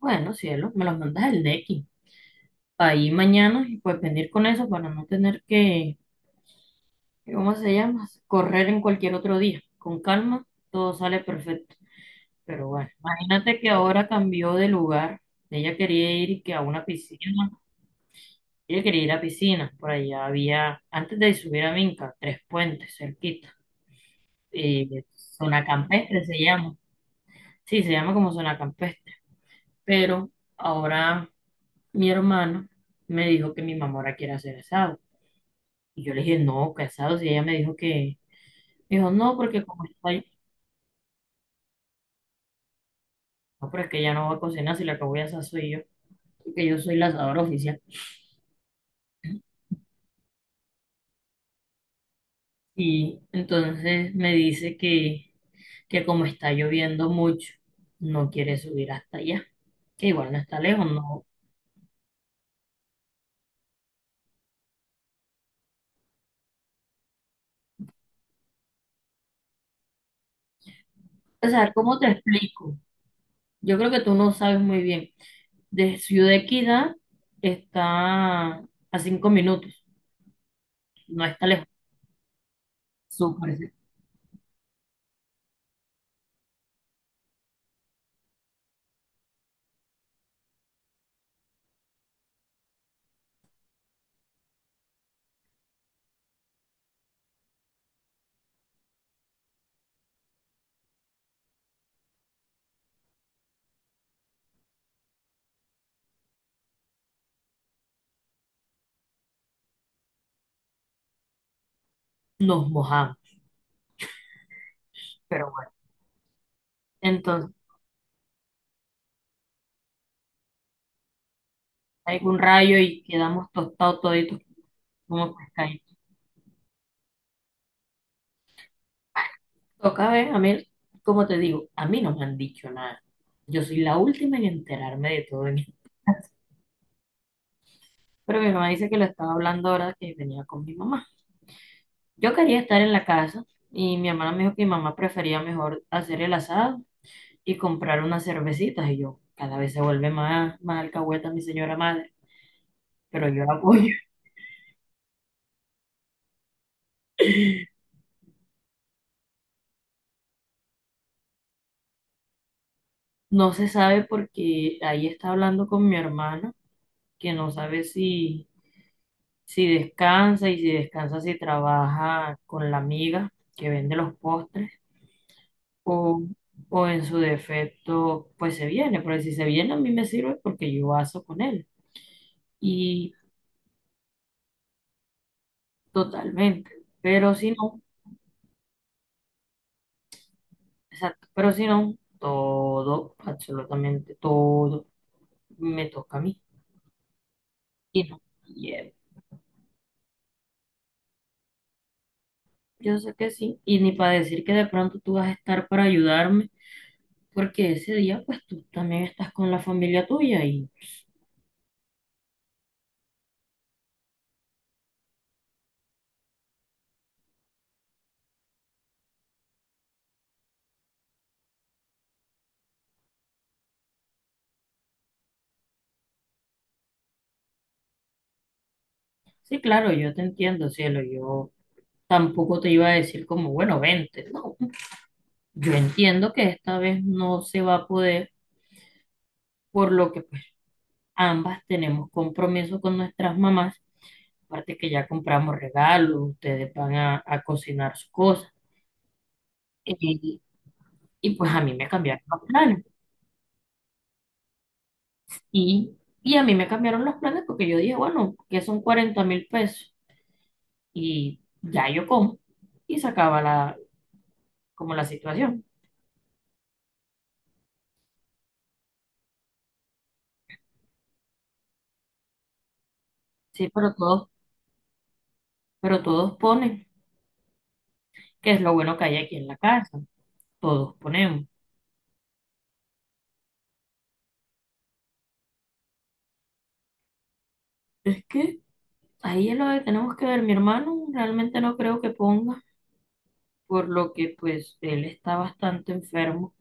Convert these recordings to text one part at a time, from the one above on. Bueno, cielo, me los mandas el Nequi. Ahí mañana y pues venir con eso para no tener que, ¿cómo se llama? Correr en cualquier otro día. Con calma, todo sale perfecto. Pero bueno, imagínate que ahora cambió de lugar. Ella quería ir y que a una piscina. Ella quería ir a piscina. Por allá había, antes de subir a Minca, tres puentes cerquita. Zona campestre se llama. Sí, se llama como zona campestre. Pero ahora mi hermano me dijo que mi mamá ahora quiere hacer eso. Y yo le dije, no, casados. Y ella me dijo me dijo, no, porque como estoy, no, pero es que ella no va a cocinar, si la que voy a asar soy yo, porque yo soy la asadora oficial. Y entonces me dice que como está lloviendo mucho, no quiere subir hasta allá, que igual no está lejos, no. O sea, ¿cómo te explico? Yo creo que tú no sabes muy bien. De Ciudad Equidad está a 5 minutos, no está lejos, súper, cerca. Nos mojamos, pero bueno. Entonces algún rayo y quedamos tostados toditos como pescaditos. Toca ver, a mí, como te digo, a mí no me han dicho nada. Yo soy la última en enterarme de todo esto. Pero mi mamá dice que lo estaba hablando ahora que venía con mi mamá. Yo quería estar en la casa y mi hermana me dijo que mi mamá prefería mejor hacer el asado y comprar unas cervecitas. Y yo, cada vez se vuelve más alcahueta mi señora madre, pero yo la apoyo. No se sabe porque ahí está hablando con mi hermana que no sabe si, si descansa y si descansa, si trabaja con la amiga que vende los postres o, o en su defecto, pues se viene, pero si se viene a mí me sirve porque yo aso con él y totalmente, pero si no, exacto, pero si no, todo, absolutamente todo me toca a mí y no, y, Yo sé que sí, y ni para decir que de pronto tú vas a estar para ayudarme porque ese día pues tú también estás con la familia tuya y sí, claro, yo te entiendo, cielo. Yo tampoco te iba a decir como, bueno, vente. No, yo entiendo que esta vez no se va a poder, por lo que pues ambas tenemos compromiso con nuestras mamás. Aparte que ya compramos regalos, ustedes van a cocinar sus cosas. Y, y pues a mí me cambiaron los planes. Y, y a mí me cambiaron los planes porque yo dije, bueno, que son 40.000 pesos. Y ya yo como. Y se acaba como la situación. Sí, pero todos ponen. Que es lo bueno que hay aquí en la casa, todos ponemos. Es que ahí es lo que tenemos que ver, mi hermano realmente no creo que ponga, por lo que pues él está bastante enfermo.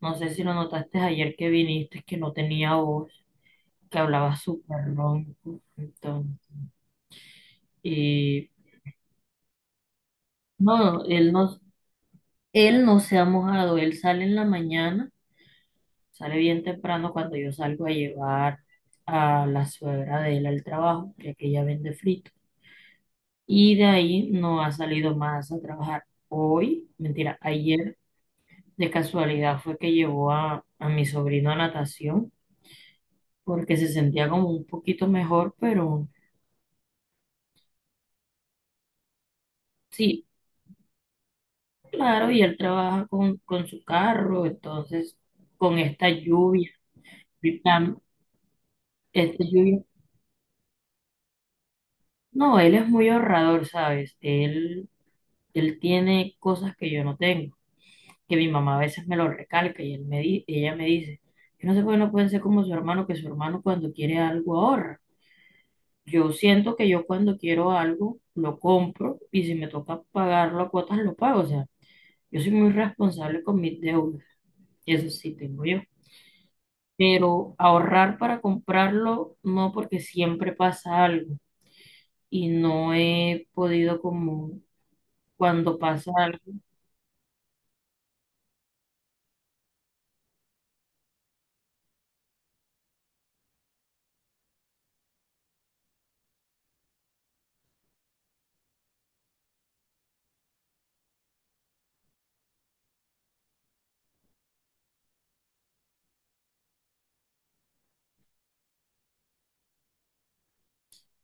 No sé si lo notaste ayer que viniste, que no tenía voz, que hablaba súper ronco, entonces, y no, él no, él no se ha mojado, él sale en la mañana, sale bien temprano cuando yo salgo a llevar a la suegra de él al trabajo, ya que ella vende frito. Y de ahí no ha salido más a trabajar. Hoy, mentira, ayer de casualidad fue que llevó a mi sobrino a natación porque se sentía como un poquito mejor, pero sí, claro, y él trabaja con su carro, entonces con esta lluvia, y tan- esta lluvia, no, él es muy ahorrador, ¿sabes? Él tiene cosas que yo no tengo. Que mi mamá a veces me lo recalca y ella me dice, yo no sé por qué no pueden ser como su hermano, que su hermano cuando quiere algo ahorra. Yo siento que yo cuando quiero algo lo compro y si me toca pagarlo a cuotas lo pago. O sea, yo soy muy responsable con mis deudas, eso sí tengo yo. Pero ahorrar para comprarlo no porque siempre pasa algo y no he podido como cuando pasa algo.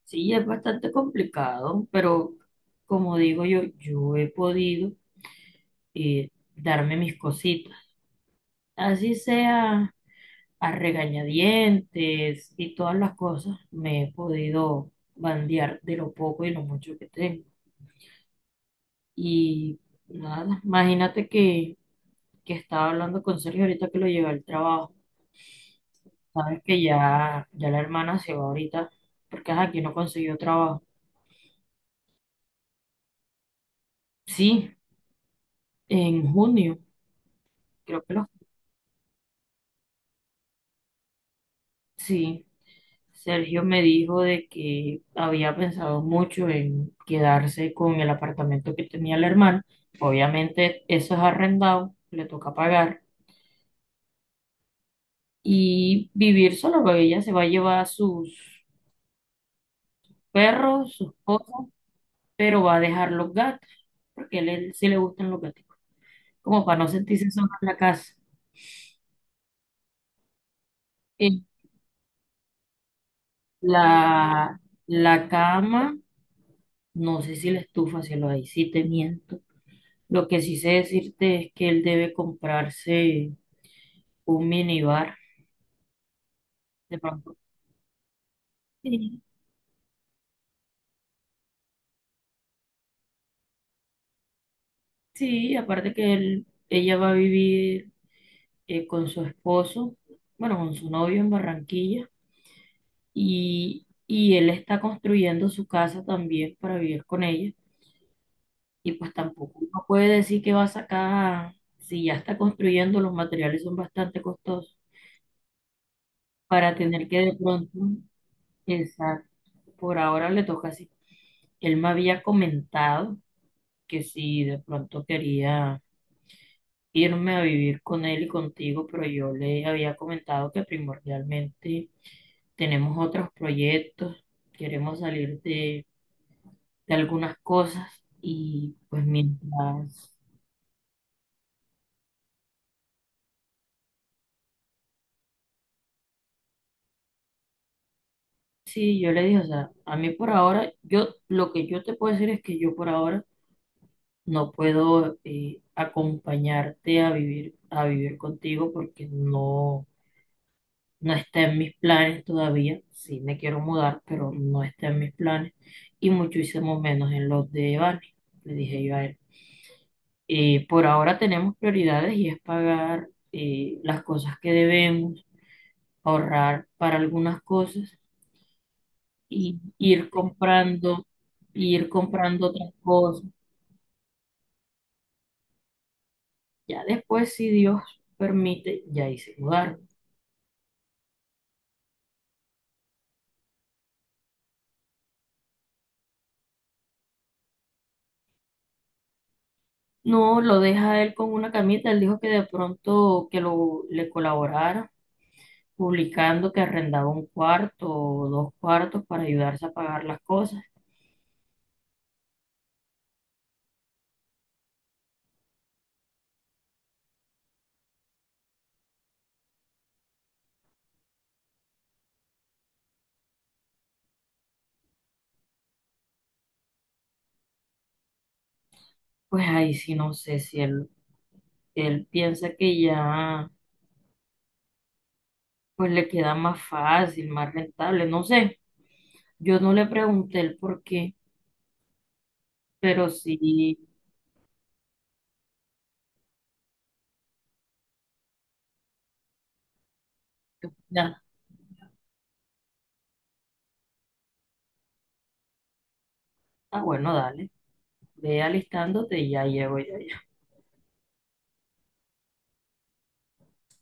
Sí, es bastante complicado, pero como digo yo, yo he podido eh, darme mis cositas. Así sea a regañadientes y todas las cosas, me he podido bandear de lo poco y lo mucho que tengo. Y nada, imagínate que estaba hablando con Sergio ahorita que lo llevé al trabajo. Sabes que ya la hermana se va ahorita porque ajá, aquí no consiguió trabajo. Sí, en junio, creo que lo... Sí. Sergio me dijo de que había pensado mucho en quedarse con el apartamento que tenía el hermano. Obviamente eso es arrendado, le toca pagar y vivir solo, porque ella se va a llevar sus perros, sus cosas, pero va a dejar los gatos, porque a él sí le gustan los gatos, como para no sentirse sola en la casa. Eh, La, la cama, no sé si la estufa, si lo ahí sí te miento. Lo que sí sé decirte es que él debe comprarse un minibar, de pronto. Sí, sí, aparte que ella va a vivir con su esposo, bueno, con su novio en Barranquilla, y él está construyendo su casa también para vivir con ella, y pues tampoco uno puede decir que va a sacar, si ya está construyendo, los materiales son bastante costosos, para tener que de pronto, exacto, por ahora le toca así. Él me había comentado que si de pronto quería irme a vivir con él y contigo, pero yo le había comentado que primordialmente tenemos otros proyectos, queremos salir de algunas cosas y pues mientras, sí, yo le dije, o sea, a mí por ahora, yo lo que yo te puedo decir es que yo por ahora no puedo acompañarte a vivir contigo porque no. No está en mis planes todavía. Sí, me quiero mudar, pero no está en mis planes. Y muchísimo menos en los de Vane, le dije yo a él. Por ahora tenemos prioridades y es pagar las cosas que debemos, ahorrar para algunas cosas y ir comprando, y ir comprando otras cosas. Ya después, si Dios permite, ya hice mudar. No, lo deja él con una camita. Él dijo que de pronto que lo le colaborara publicando que arrendaba un cuarto o dos cuartos para ayudarse a pagar las cosas. Pues ahí sí no sé si él piensa que ya pues le queda más fácil, más rentable, no sé. Yo no le pregunté el por qué, pero sí, ya, ah, bueno, dale, ve alistándote y ya llego yo.